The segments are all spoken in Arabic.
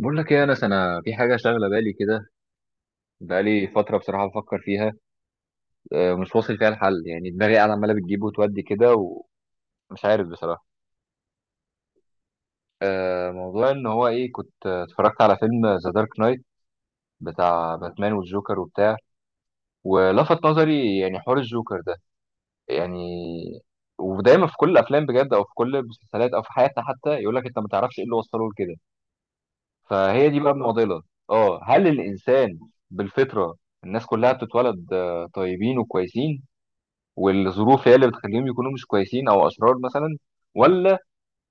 بقول لك ايه يا انس، انا في حاجه شاغله بالي كده. بقالي فتره بصراحه بفكر فيها. آه، مش واصل فيها الحل، يعني دماغي قاعده عماله بتجيب وتودي كده، ومش عارف بصراحه. موضوع ان هو ايه، كنت اتفرجت على فيلم ذا دارك نايت، بتاع باتمان والجوكر وبتاع. ولفت نظري يعني حوار الجوكر ده، يعني. ودايما في كل الافلام بجد، او في كل المسلسلات، او في حياتنا حتى، يقول لك انت ما تعرفش ايه اللي وصله لكده. فهي دي بقى المعضله. اه، هل الانسان بالفطره الناس كلها بتتولد طيبين وكويسين، والظروف هي اللي بتخليهم يكونوا مش كويسين او اشرار مثلا؟ ولا،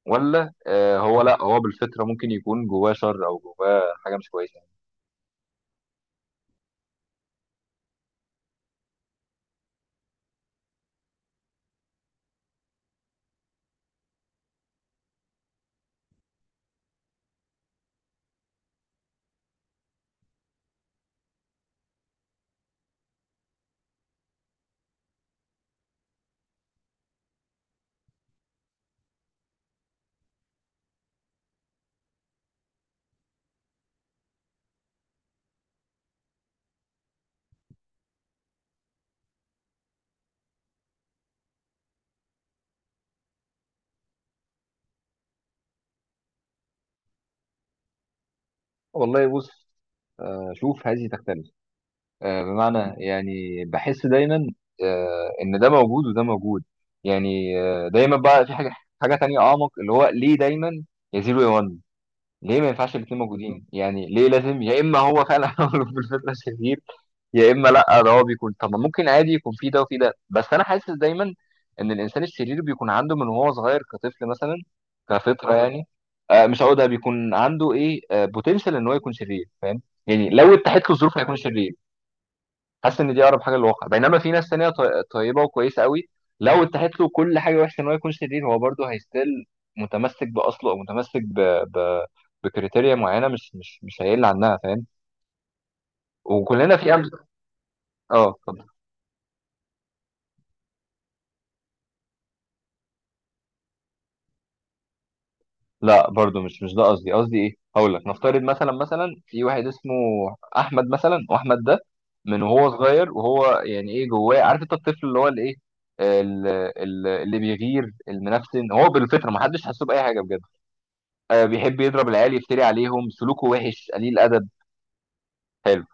ولا هو، لا هو بالفطره ممكن يكون جواه شر او جواه حاجه مش كويسه. والله بص، شوف، هذه تختلف. آه بمعنى، يعني بحس دايما ان ده موجود وده موجود، يعني. دايما بقى في حاجه، حاجه تانية اعمق، اللي هو ليه دايما يزيد وينقص؟ ليه ما ينفعش الاتنين موجودين؟ يعني ليه لازم يا اما هو فعلا عمله في الفتره الشرير، يا اما لا، ده هو بيكون، طب ما ممكن عادي يكون في ده وفي ده. بس انا حاسس دايما ان الانسان الشرير بيكون عنده من وهو صغير كطفل مثلا، كفطره يعني. مش هقول ده، بيكون عنده ايه، آه، بوتنشال ان هو يكون شرير، فاهم؟ يعني لو اتاحت له الظروف هيكون شرير. حاسس ان دي اقرب حاجه للواقع. بينما في ناس تانية طيبه وكويسه قوي، لو اتاحت له كل حاجه وحشه ان هو يكون شرير، هو برضه هيستيل متمسك باصله، او متمسك ب... ب... بكريتيريا معينه، مش هيقل عنها، فاهم؟ وكلنا في امثله. اه، اتفضل. لا برضه، مش ده قصدي. قصدي ايه، هقول لك، نفترض مثلا، مثلا في واحد اسمه احمد مثلا، واحمد ده من وهو صغير وهو يعني ايه، جواه، عارف انت الطفل اللي هو الايه، ال- اللي بيغير المنفسن، هو بالفطره ما حدش حاسه باي حاجه بجد. آه، بيحب يضرب العيال، يفتري عليهم، سلوكه وحش، قليل ادب. حلو.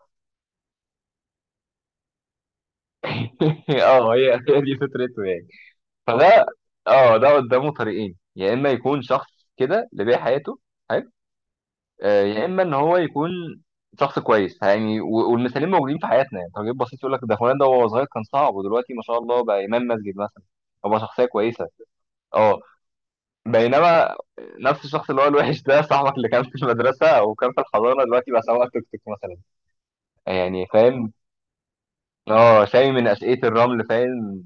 اه، هي هي دي فطرته يعني. فده، اه، ده قدامه طريقين، يا اما يكون شخص كده اللي بيع حياته، حلو، يا اما ان هو يكون شخص كويس يعني. والمثالين موجودين في حياتنا، يعني تجربة بسيط، يقول لك ده فلان ده وهو صغير كان صعب، ودلوقتي ما شاء الله بقى امام مسجد مثلا، أو بقى شخصيه كويسه. اه. بينما نفس الشخص اللي هو الوحش ده، صاحبك اللي كان في المدرسه او كان في الحضانه، دلوقتي بقى سواق توك توك مثلا، يعني، فاهم؟ اه، سامي من اسئله الرمل، فاهم؟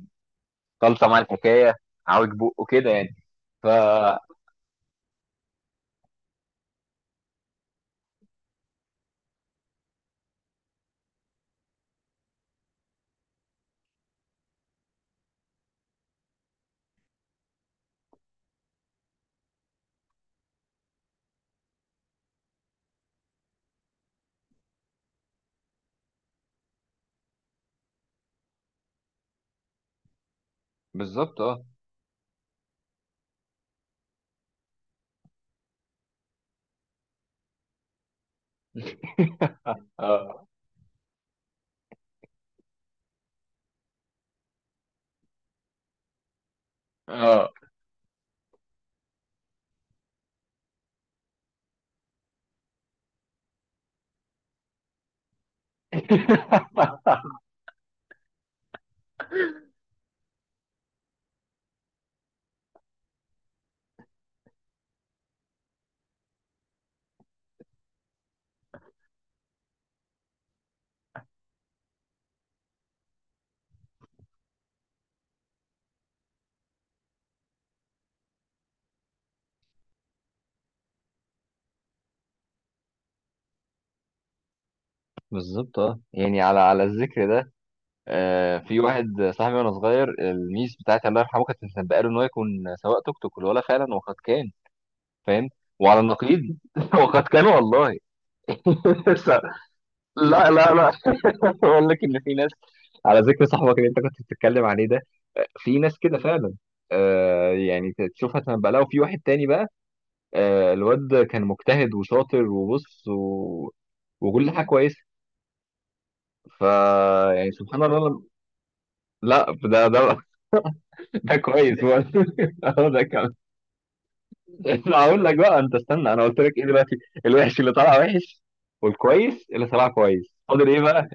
خالصه مع الحكايه، عوج بقه كده يعني. ف، بالظبط، اه، اه، اه. بالظبط، اه. يعني على على الذكر ده، آه، في واحد صاحبي وانا صغير، الميس بتاعتي الله يرحمه كانت مسبقه له ان هو يكون سواق توك توك، والولا فعلا وقد كان، فاهم؟ وعلى النقيض وقد كان والله. لا لا لا. بقول لك ان في ناس، على ذكر صاحبك اللي انت كنت بتتكلم عليه ده، في ناس كده فعلا، آه يعني تشوفها تنبأ لها. وفي واحد تاني بقى، آه، الواد كان مجتهد وشاطر وبص و... وكل حاجه كويسه، ف، يعني سبحان الله، لا، ده ده، ده كويس هو. هو ده كمان. لا، هقول لك بقى، انت استنى، انا قلت لك ايه دلوقتي، الوحش اللي طلع وحش، والكويس اللي طلع كويس، فاضل ايه بقى؟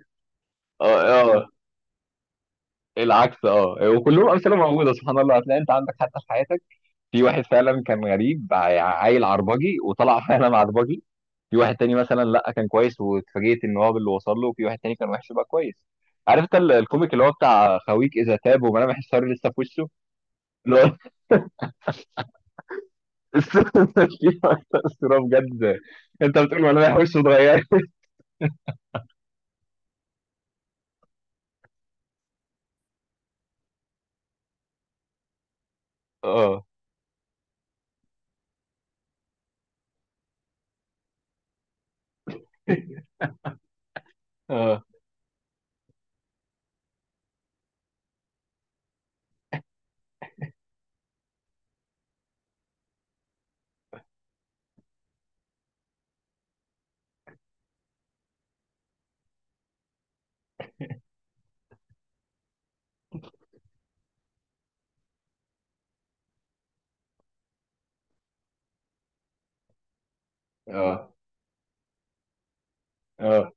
اه، آه، العكس. اه، وكلهم امثله موجوده سبحان الله، هتلاقي انت عندك حتى في حياتك في واحد فعلا كان غريب، عيل عربجي، وطلع فعلا عربجي. في واحد تاني مثلا لا، كان كويس واتفاجئت ان هو باللي وصل له. وفي واحد تاني كان وحش بقى كويس. عارف انت الكوميك اللي هو بتاع خويك اذا تاب وملامح الشر لسه في وشه، اللي هو في أكتر صوره بجد. انت بتقول ملامح وشه اتغيرت. اه، اه، اه، اه،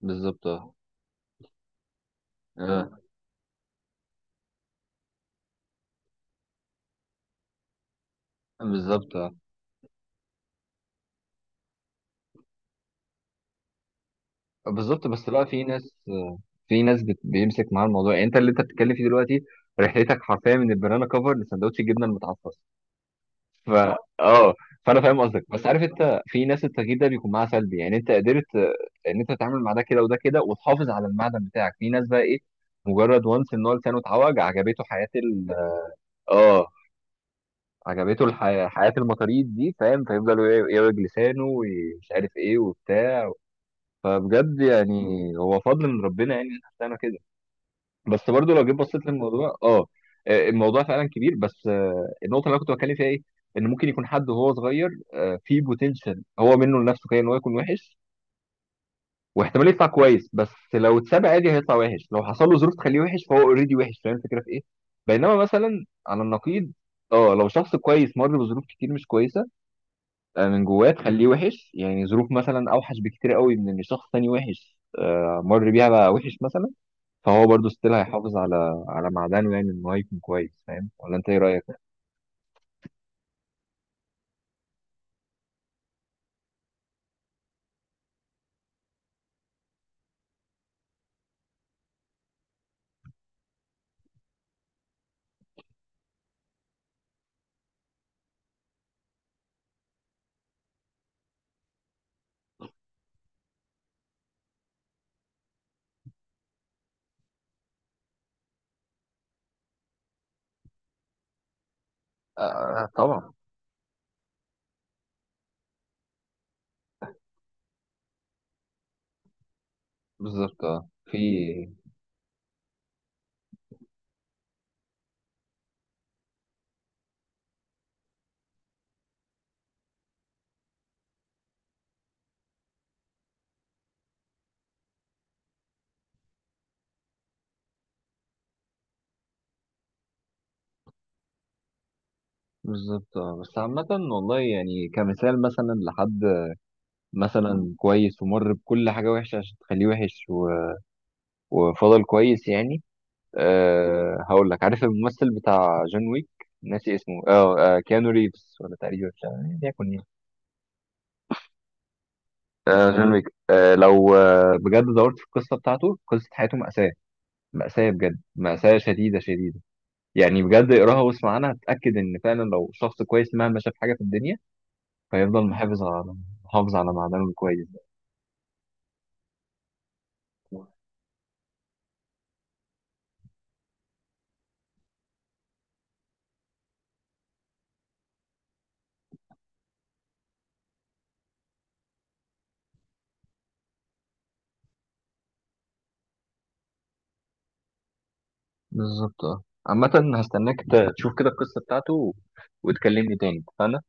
بالظبط، اه، اه، بالظبط، اه. بالظبط، بس لا، في ناس، في ناس بيمسك معاها الموضوع. يعني انت اللي انت بتتكلم فيه دلوقتي، رحلتك حرفيا من البنانا كفر لسندوتش الجبنه المتعفص. ف، اه، فانا فاهم قصدك. بس عارف انت في ناس التغيير ده بيكون معاها سلبي، يعني انت قدرت، ان انت تتعامل مع ده كده وده كده، وتحافظ على المعدن بتاعك. في ناس بقى ايه، مجرد وانس ان هو لسانه اتعوج، عجبته حياه ال، اه، عجبته الحياه، حياه المطاريد دي، فاهم؟ فيفضلوا يعوج لسانه ومش عارف ايه وبتاع. فبجد يعني، هو فضل من ربنا يعني إن احنا طلعنا كده. بس برضو لو جيت بصيت للموضوع، اه، الموضوع فعلا كبير. بس آه، النقطه اللي انا كنت بتكلم فيها ايه، ان ممكن يكون حد وهو صغير آه، فيه بوتنشال هو منه لنفسه كده ان هو يكون وحش، واحتمال يطلع كويس، بس لو اتساب عادي هيطلع وحش. لو حصل له ظروف تخليه وحش، فهو اوريدي وحش، فاهم الفكره في ايه؟ بينما مثلا على النقيض، اه، لو شخص كويس مر بظروف كتير مش كويسه، آه، من جواه تخليه وحش، يعني ظروف مثلا اوحش بكتير قوي من ان شخص تاني وحش آه، مر بيها بقى وحش مثلا، فهو برضه ستيل هيحافظ على على معدنه، يعني ان هو يكون كويس. فاهم ولا انت ايه رايك؟ آه طبعا. بالظبط، آه. في، بالظبط، آه. بس عامة والله، يعني كمثال، مثلا لحد مثلا كويس ومر بكل حاجة وحشة عشان تخليه وحش و... وفضل كويس يعني. أه هقول لك، عارف الممثل بتاع جون ويك؟ ناسي اسمه، اه، آه، كيانو ريفز ولا تقريبا، مش عارف يعني بيكون ايه. آه، جون ويك، آه، لو آه بجد دورت في القصة بتاعته، قصة حياته مأساة، مأساة بجد، مأساة شديدة شديدة. يعني بجد اقراها واسمع عنها، هتتأكد إن فعلا لو شخص كويس مهما شاف حاجة في الدنيا، فيفضل محافظ على، محافظ على معدنه الكويس ده. بالظبط، اه. عامة هستناك تشوف كده القصة بتاعته، و- وتكلمني تاني، اتفقنا؟